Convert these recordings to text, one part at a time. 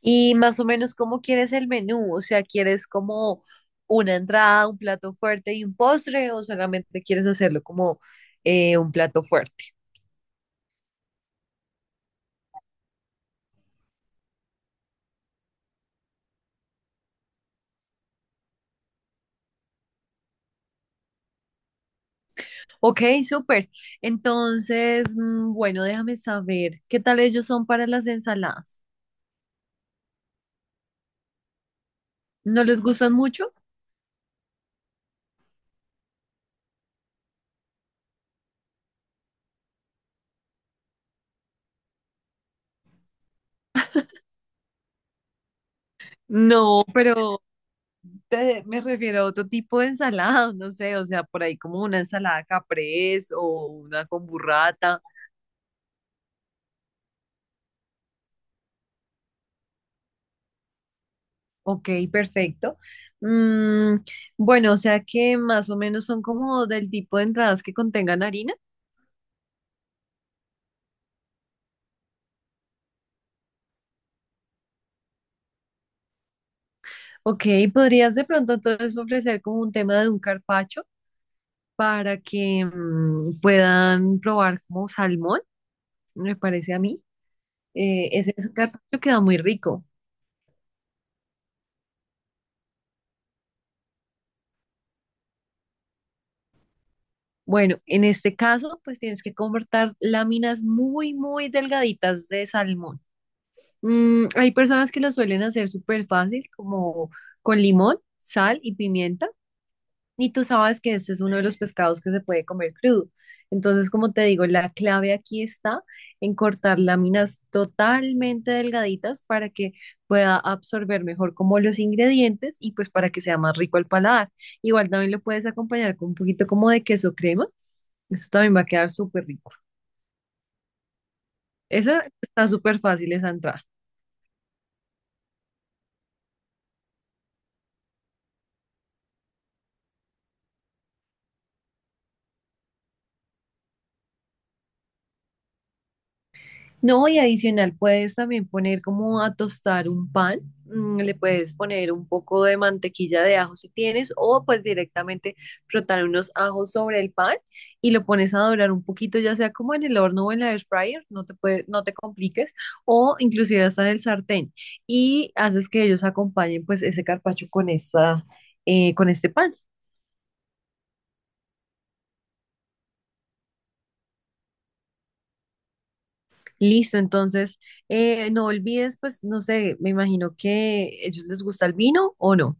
Y más o menos, ¿cómo quieres el menú? O sea, ¿quieres como una entrada, un plato fuerte y un postre o solamente quieres hacerlo como un plato fuerte? Ok, súper. Entonces, bueno, déjame saber, ¿qué tal ellos son para las ensaladas? ¿No les gustan mucho? No, pero me refiero a otro tipo de ensalada, no sé, o sea, por ahí como una ensalada caprese o una con burrata. Ok, perfecto. Mm, bueno, o sea que más o menos son como del tipo de entradas que contengan harina. Ok, podrías de pronto entonces ofrecer como un tema de un carpaccio para que puedan probar como salmón, me parece a mí. Ese carpaccio queda muy rico. Bueno, en este caso, pues tienes que cortar láminas muy, muy delgaditas de salmón. Mm, hay personas que lo suelen hacer súper fácil, como con limón, sal y pimienta. Y tú sabes que este es uno de los pescados que se puede comer crudo. Entonces, como te digo, la clave aquí está en cortar láminas totalmente delgaditas para que pueda absorber mejor como los ingredientes y pues para que sea más rico al paladar. Igual también lo puedes acompañar con un poquito como de queso crema. Eso también va a quedar súper rico. Esa está súper fácil esa entrada. No, y adicional puedes también poner como a tostar un pan, le puedes poner un poco de mantequilla de ajo si tienes, o pues directamente frotar unos ajos sobre el pan y lo pones a dorar un poquito, ya sea como en el horno o en la air fryer, no te compliques, o inclusive hasta en el sartén, y haces que ellos acompañen pues ese carpaccio con esta, con este pan. Listo, entonces no olvides pues, no sé, me imagino que ellos les gusta el vino o no.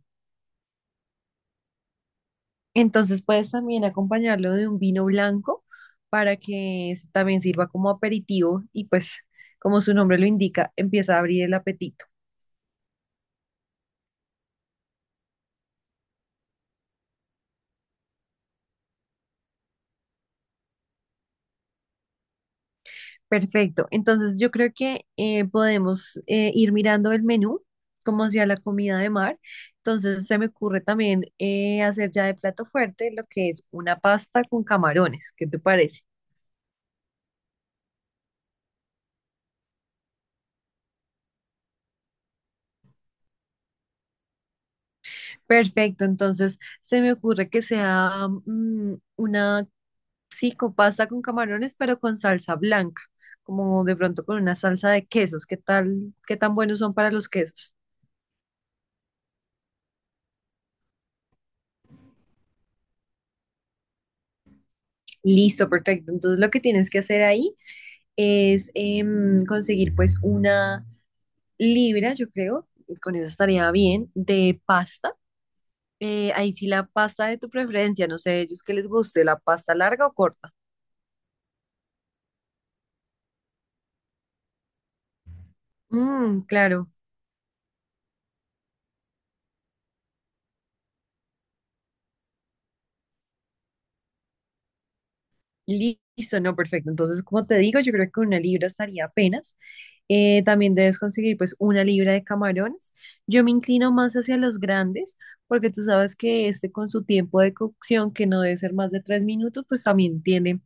Entonces puedes también acompañarlo de un vino blanco para que también sirva como aperitivo y pues como su nombre lo indica, empieza a abrir el apetito. Perfecto. Entonces yo creo que podemos ir mirando el menú como hacia la comida de mar. Entonces se me ocurre también hacer ya de plato fuerte lo que es una pasta con camarones. ¿Qué te parece? Perfecto. Entonces se me ocurre que sea una sí, con pasta con camarones, pero con salsa blanca, como de pronto con una salsa de quesos. ¿Qué tal, qué tan buenos son para los quesos? Listo, perfecto. Entonces lo que tienes que hacer ahí es conseguir pues una libra, yo creo, con eso estaría bien, de pasta. Ahí sí la pasta de tu preferencia, no sé, ellos que les guste, la pasta larga o corta. Mm, claro. Listo, no, perfecto. Entonces, como te digo, yo creo que una libra estaría apenas. También debes conseguir pues una libra de camarones. Yo me inclino más hacia los grandes porque tú sabes que este con su tiempo de cocción, que no debe ser más de 3 minutos, pues también tiende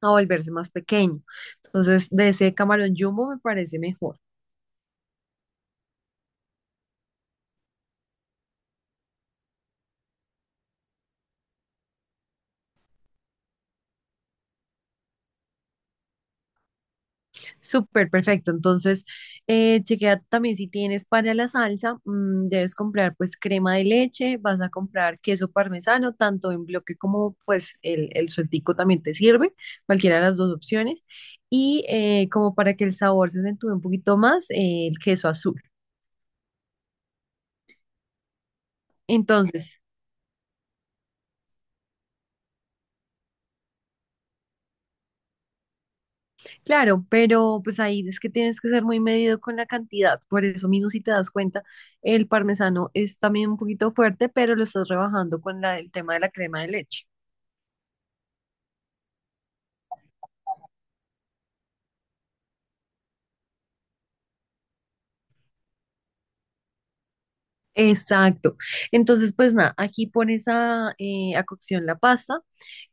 a volverse más pequeño. Entonces, de ese camarón jumbo me parece mejor. Súper perfecto. Entonces, chequea también si tienes para la salsa, debes comprar pues crema de leche, vas a comprar queso parmesano, tanto en bloque como pues el sueltico también te sirve, cualquiera de las dos opciones. Y como para que el sabor se acentúe un poquito más, el queso azul. Entonces, claro, pero pues ahí es que tienes que ser muy medido con la cantidad. Por eso mismo, si te das cuenta, el parmesano es también un poquito fuerte, pero lo estás rebajando con el tema de la crema de leche. Exacto. Entonces, pues nada, aquí pones a cocción la pasta,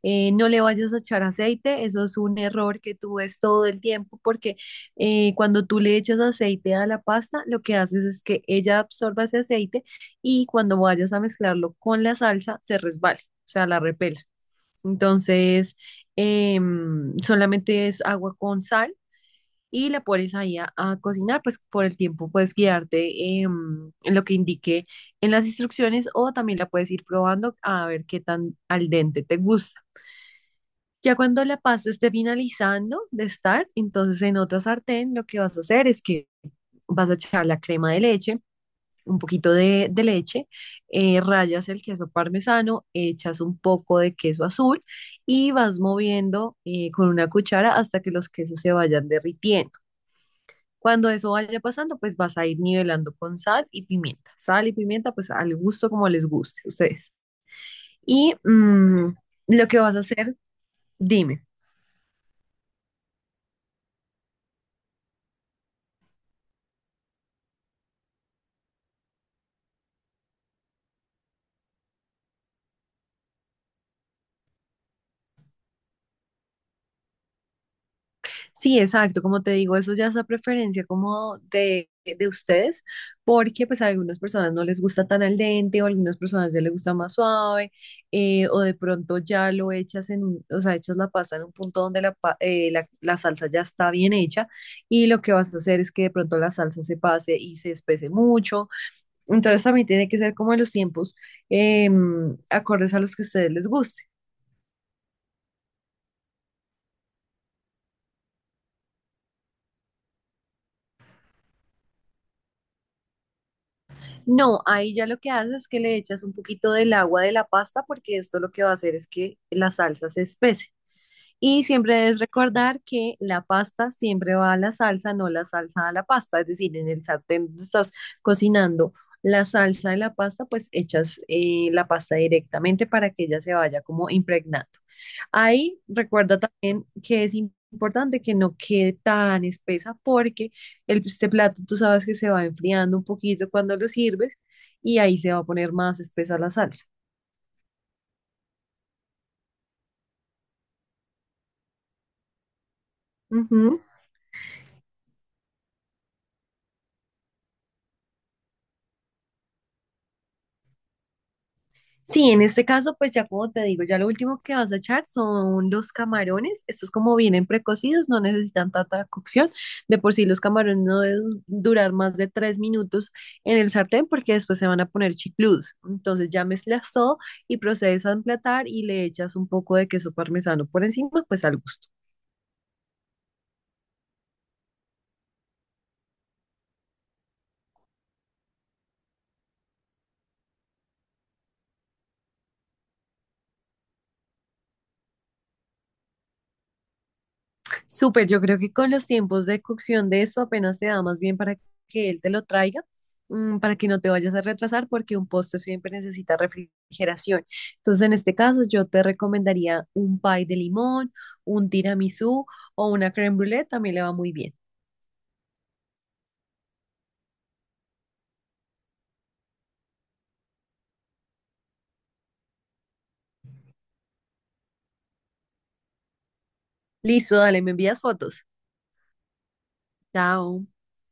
no le vayas a echar aceite, eso es un error que tú ves todo el tiempo porque cuando tú le echas aceite a la pasta, lo que haces es que ella absorba ese aceite y cuando vayas a mezclarlo con la salsa, se resbale, o sea, la repela. Entonces, solamente es agua con sal y la pones ahí a cocinar, pues por el tiempo puedes guiarte en lo que indique en las instrucciones o también la puedes ir probando a ver qué tan al dente te gusta. Ya cuando la pasta esté finalizando de estar, entonces en otra sartén lo que vas a hacer es que vas a echar la crema de leche, un poquito de leche, rayas el queso parmesano, echas un poco de queso azul y vas moviendo con una cuchara hasta que los quesos se vayan derritiendo. Cuando eso vaya pasando, pues vas a ir nivelando con sal y pimienta. Sal y pimienta, pues al gusto como les guste a ustedes. Y lo que vas a hacer, dime. Sí, exacto, como te digo, eso ya es la preferencia como de ustedes, porque pues a algunas personas no les gusta tan al dente o a algunas personas ya les gusta más suave, o de pronto ya lo echas o sea, echas la pasta en un punto donde la salsa ya está bien hecha y lo que vas a hacer es que de pronto la salsa se pase y se espese mucho, entonces también tiene que ser como en los tiempos acordes a los que a ustedes les guste. No, ahí ya lo que haces es que le echas un poquito del agua de la pasta porque esto lo que va a hacer es que la salsa se espese. Y siempre debes recordar que la pasta siempre va a la salsa, no la salsa a la pasta. Es decir, en el sartén donde estás cocinando la salsa de la pasta, pues echas la pasta directamente para que ella se vaya como impregnando. Ahí recuerda también que es importante que no quede tan espesa porque este plato tú sabes que se va enfriando un poquito cuando lo sirves y ahí se va a poner más espesa la salsa. Sí, en este caso, pues ya como te digo, ya lo último que vas a echar son los camarones. Estos como vienen precocidos, no necesitan tanta cocción. De por sí los camarones no deben durar más de 3 minutos en el sartén porque después se van a poner chicludos. Entonces ya mezclas todo y procedes a emplatar y le echas un poco de queso parmesano por encima, pues al gusto. Súper, yo creo que con los tiempos de cocción de eso apenas te da más bien para que él te lo traiga, para que no te vayas a retrasar, porque un postre siempre necesita refrigeración. Entonces, en este caso, yo te recomendaría un pie de limón, un tiramisú o una crème brûlée, también le va muy bien. Listo, dale, me envías fotos. Chao.